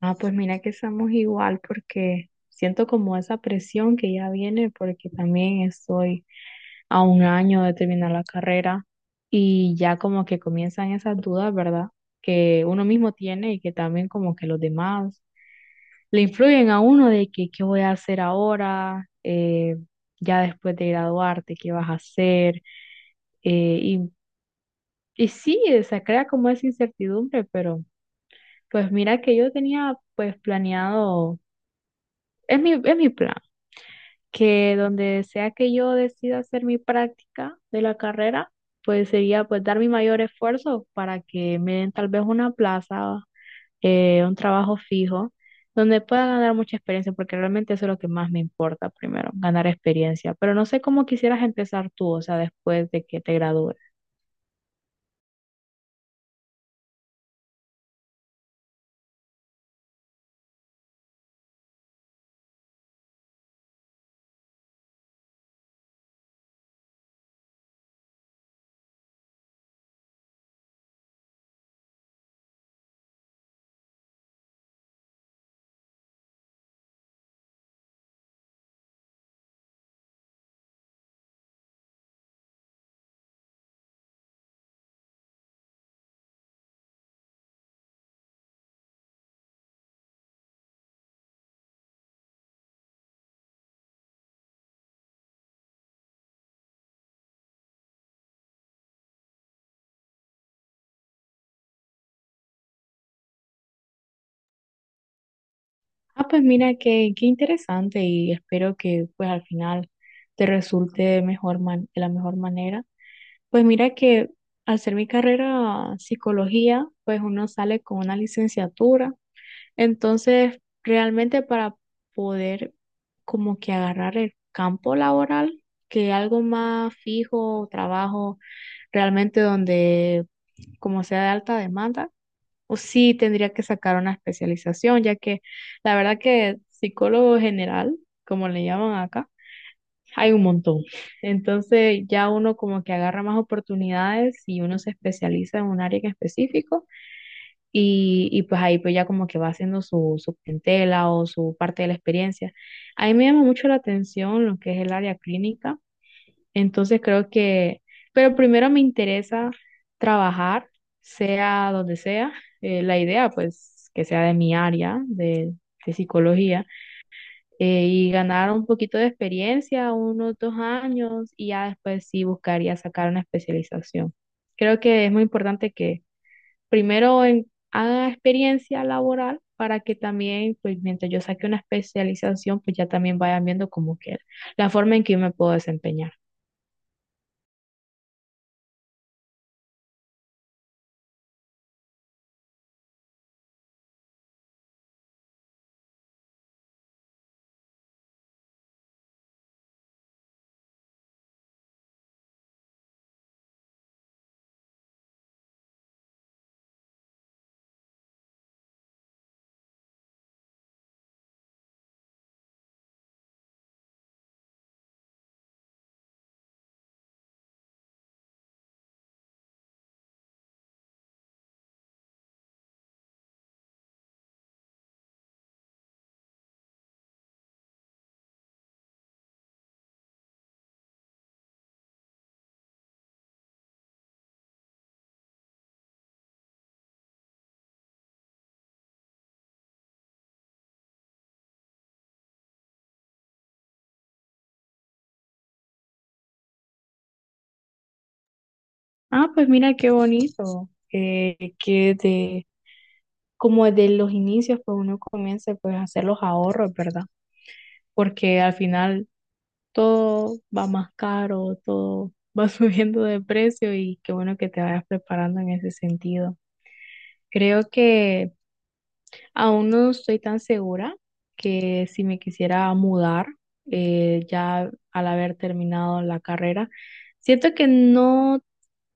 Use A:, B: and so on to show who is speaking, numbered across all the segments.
A: Ah, pues mira que estamos igual porque siento como esa presión que ya viene porque también estoy a un año de terminar la carrera y ya como que comienzan esas dudas, ¿verdad? Que uno mismo tiene y que también como que los demás le influyen a uno de que qué voy a hacer ahora. Ya después de graduarte, qué vas a hacer. Eh, y, y sí, se crea como esa incertidumbre, pero pues mira que yo tenía pues planeado... Es mi plan. Que donde sea que yo decida hacer mi práctica de la carrera, pues sería pues dar mi mayor esfuerzo para que me den tal vez una plaza, un trabajo fijo, donde pueda ganar mucha experiencia, porque realmente eso es lo que más me importa primero, ganar experiencia. Pero no sé cómo quisieras empezar tú, o sea, después de que te gradúes. Ah, pues mira, qué interesante, y espero que pues al final te resulte de la mejor manera. Pues mira que al ser mi carrera psicología, pues uno sale con una licenciatura. Entonces, realmente para poder como que agarrar el campo laboral, que algo más fijo, trabajo realmente donde como sea de alta demanda, o sí tendría que sacar una especialización, ya que la verdad que psicólogo general, como le llaman acá, hay un montón. Entonces ya uno como que agarra más oportunidades y uno se especializa en un área en específico y pues ahí pues ya como que va haciendo su, su clientela o su parte de la experiencia. A mí me llama mucho la atención lo que es el área clínica, entonces creo que, pero primero me interesa trabajar, sea donde sea, la idea pues que sea de mi área de psicología, y ganar un poquito de experiencia, unos 2 años, y ya después sí buscaría sacar una especialización. Creo que es muy importante que primero haga experiencia laboral para que también, pues mientras yo saque una especialización, pues ya también vayan viendo como que la forma en que yo me puedo desempeñar. Ah, pues mira qué bonito, que como de los inicios, pues uno comience pues a hacer los ahorros, ¿verdad? Porque al final todo va más caro, todo va subiendo de precio, y qué bueno que te vayas preparando en ese sentido. Creo que aún no estoy tan segura que si me quisiera mudar, ya al haber terminado la carrera, siento que no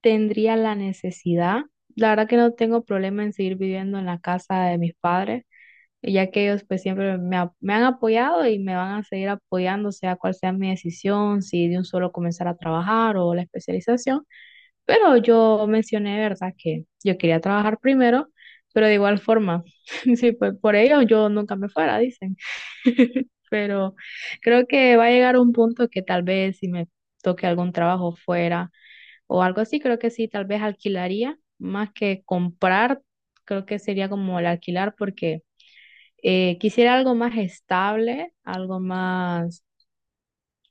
A: tendría la necesidad. La verdad que no tengo problema en seguir viviendo en la casa de mis padres, ya que ellos pues siempre me han apoyado y me van a seguir apoyando, sea cual sea mi decisión, si de un solo comenzar a trabajar o la especialización. Pero yo mencioné, ¿verdad?, que yo quería trabajar primero, pero de igual forma, sí, pues por ello yo nunca me fuera, dicen. Pero creo que va a llegar un punto que tal vez si me toque algún trabajo fuera o algo así, creo que sí, tal vez alquilaría más que comprar, creo que sería como el alquilar porque... Quisiera algo más estable, algo más,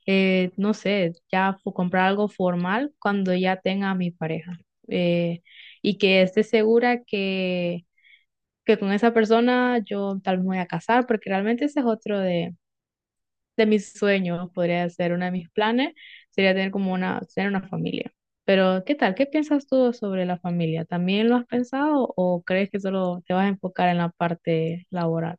A: no sé, ya comprar algo formal cuando ya tenga a mi pareja, eh, y que esté segura que con esa persona yo tal vez me voy a casar, porque realmente ese es otro de mis sueños, podría ser uno de mis planes, sería tener como una, tener una familia. Pero, ¿qué tal? ¿Qué piensas tú sobre la familia? ¿También lo has pensado o crees que solo te vas a enfocar en la parte laboral?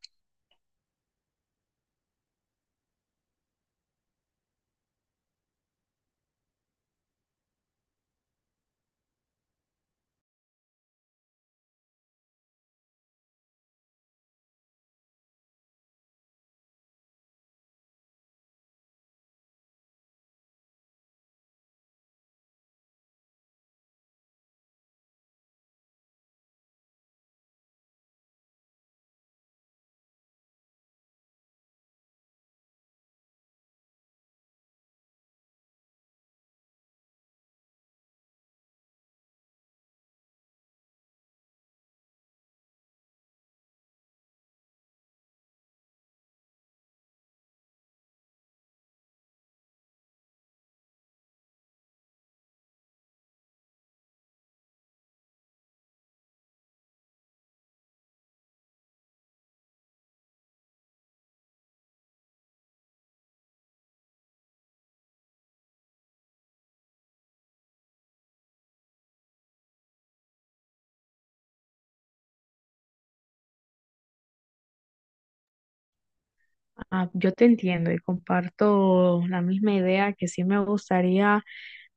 A: Ah, yo te entiendo y comparto la misma idea que sí me gustaría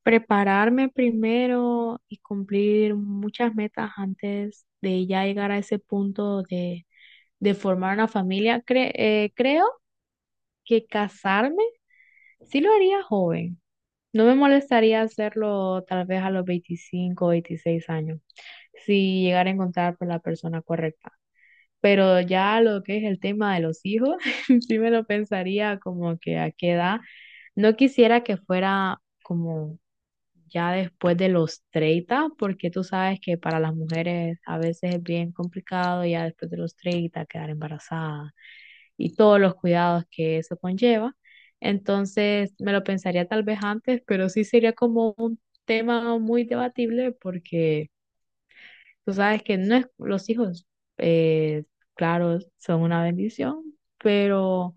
A: prepararme primero y cumplir muchas metas antes de ya llegar a ese punto de formar una familia. Creo que casarme sí lo haría joven. No me molestaría hacerlo tal vez a los 25 o 26 años, si llegara a encontrar por la persona correcta. Pero ya lo que es el tema de los hijos, sí me lo pensaría como que a qué edad. No quisiera que fuera como ya después de los 30, porque tú sabes que para las mujeres a veces es bien complicado ya después de los 30 quedar embarazada y todos los cuidados que eso conlleva. Entonces me lo pensaría tal vez antes, pero sí sería como un tema muy debatible porque tú sabes que no es, los hijos, eh, claro, son una bendición, pero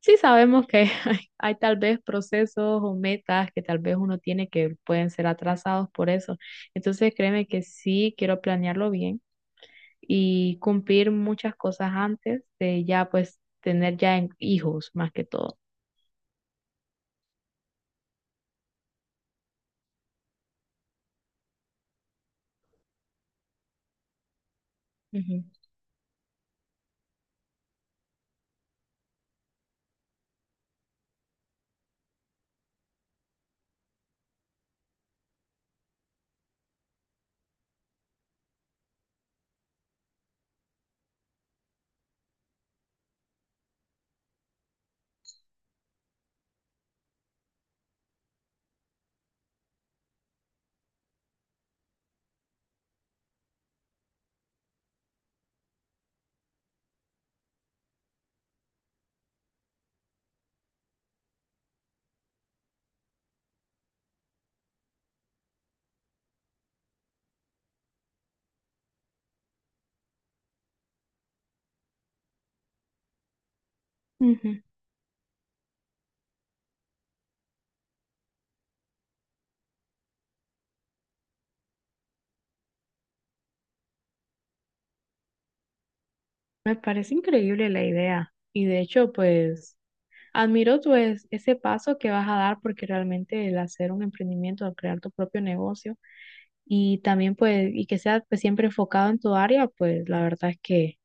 A: sí sabemos que hay tal vez procesos o metas que tal vez uno tiene que pueden ser atrasados por eso. Entonces créeme que sí quiero planearlo bien y cumplir muchas cosas antes de ya pues tener ya hijos más que todo. Ujú. Ujú. Me parece increíble la idea, y de hecho pues admiro pues ese paso que vas a dar porque realmente el hacer un emprendimiento, al crear tu propio negocio y también pues, y que sea pues siempre enfocado en tu área, pues la verdad es que,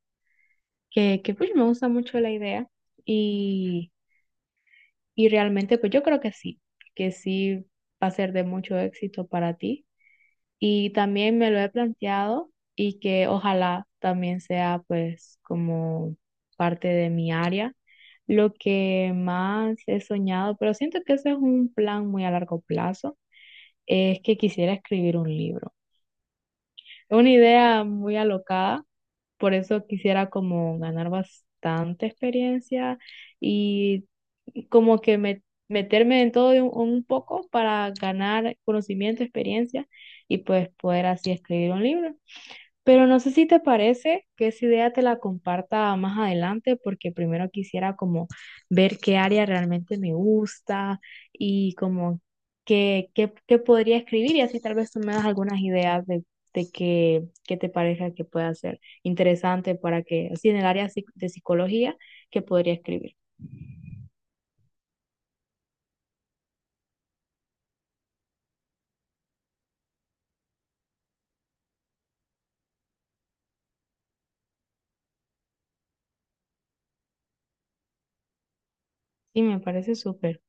A: que, que pues me gusta mucho la idea y, y realmente pues yo creo que sí va a ser de mucho éxito para ti, y también me lo he planteado, y que ojalá también sea pues como parte de mi área. Lo que más he soñado, pero siento que ese es un plan muy a largo plazo, es que quisiera escribir un libro. Es una idea muy alocada, por eso quisiera como ganar bastante experiencia y como que meterme en todo de un poco para ganar conocimiento, experiencia, y pues poder así escribir un libro. Pero no sé si te parece que esa idea te la comparta más adelante, porque primero quisiera como ver qué área realmente me gusta, y como qué podría escribir, y así tal vez tú me das algunas ideas de qué te parezca que pueda ser interesante para que, así en el área de psicología, que podría escribir. Y me parece súper.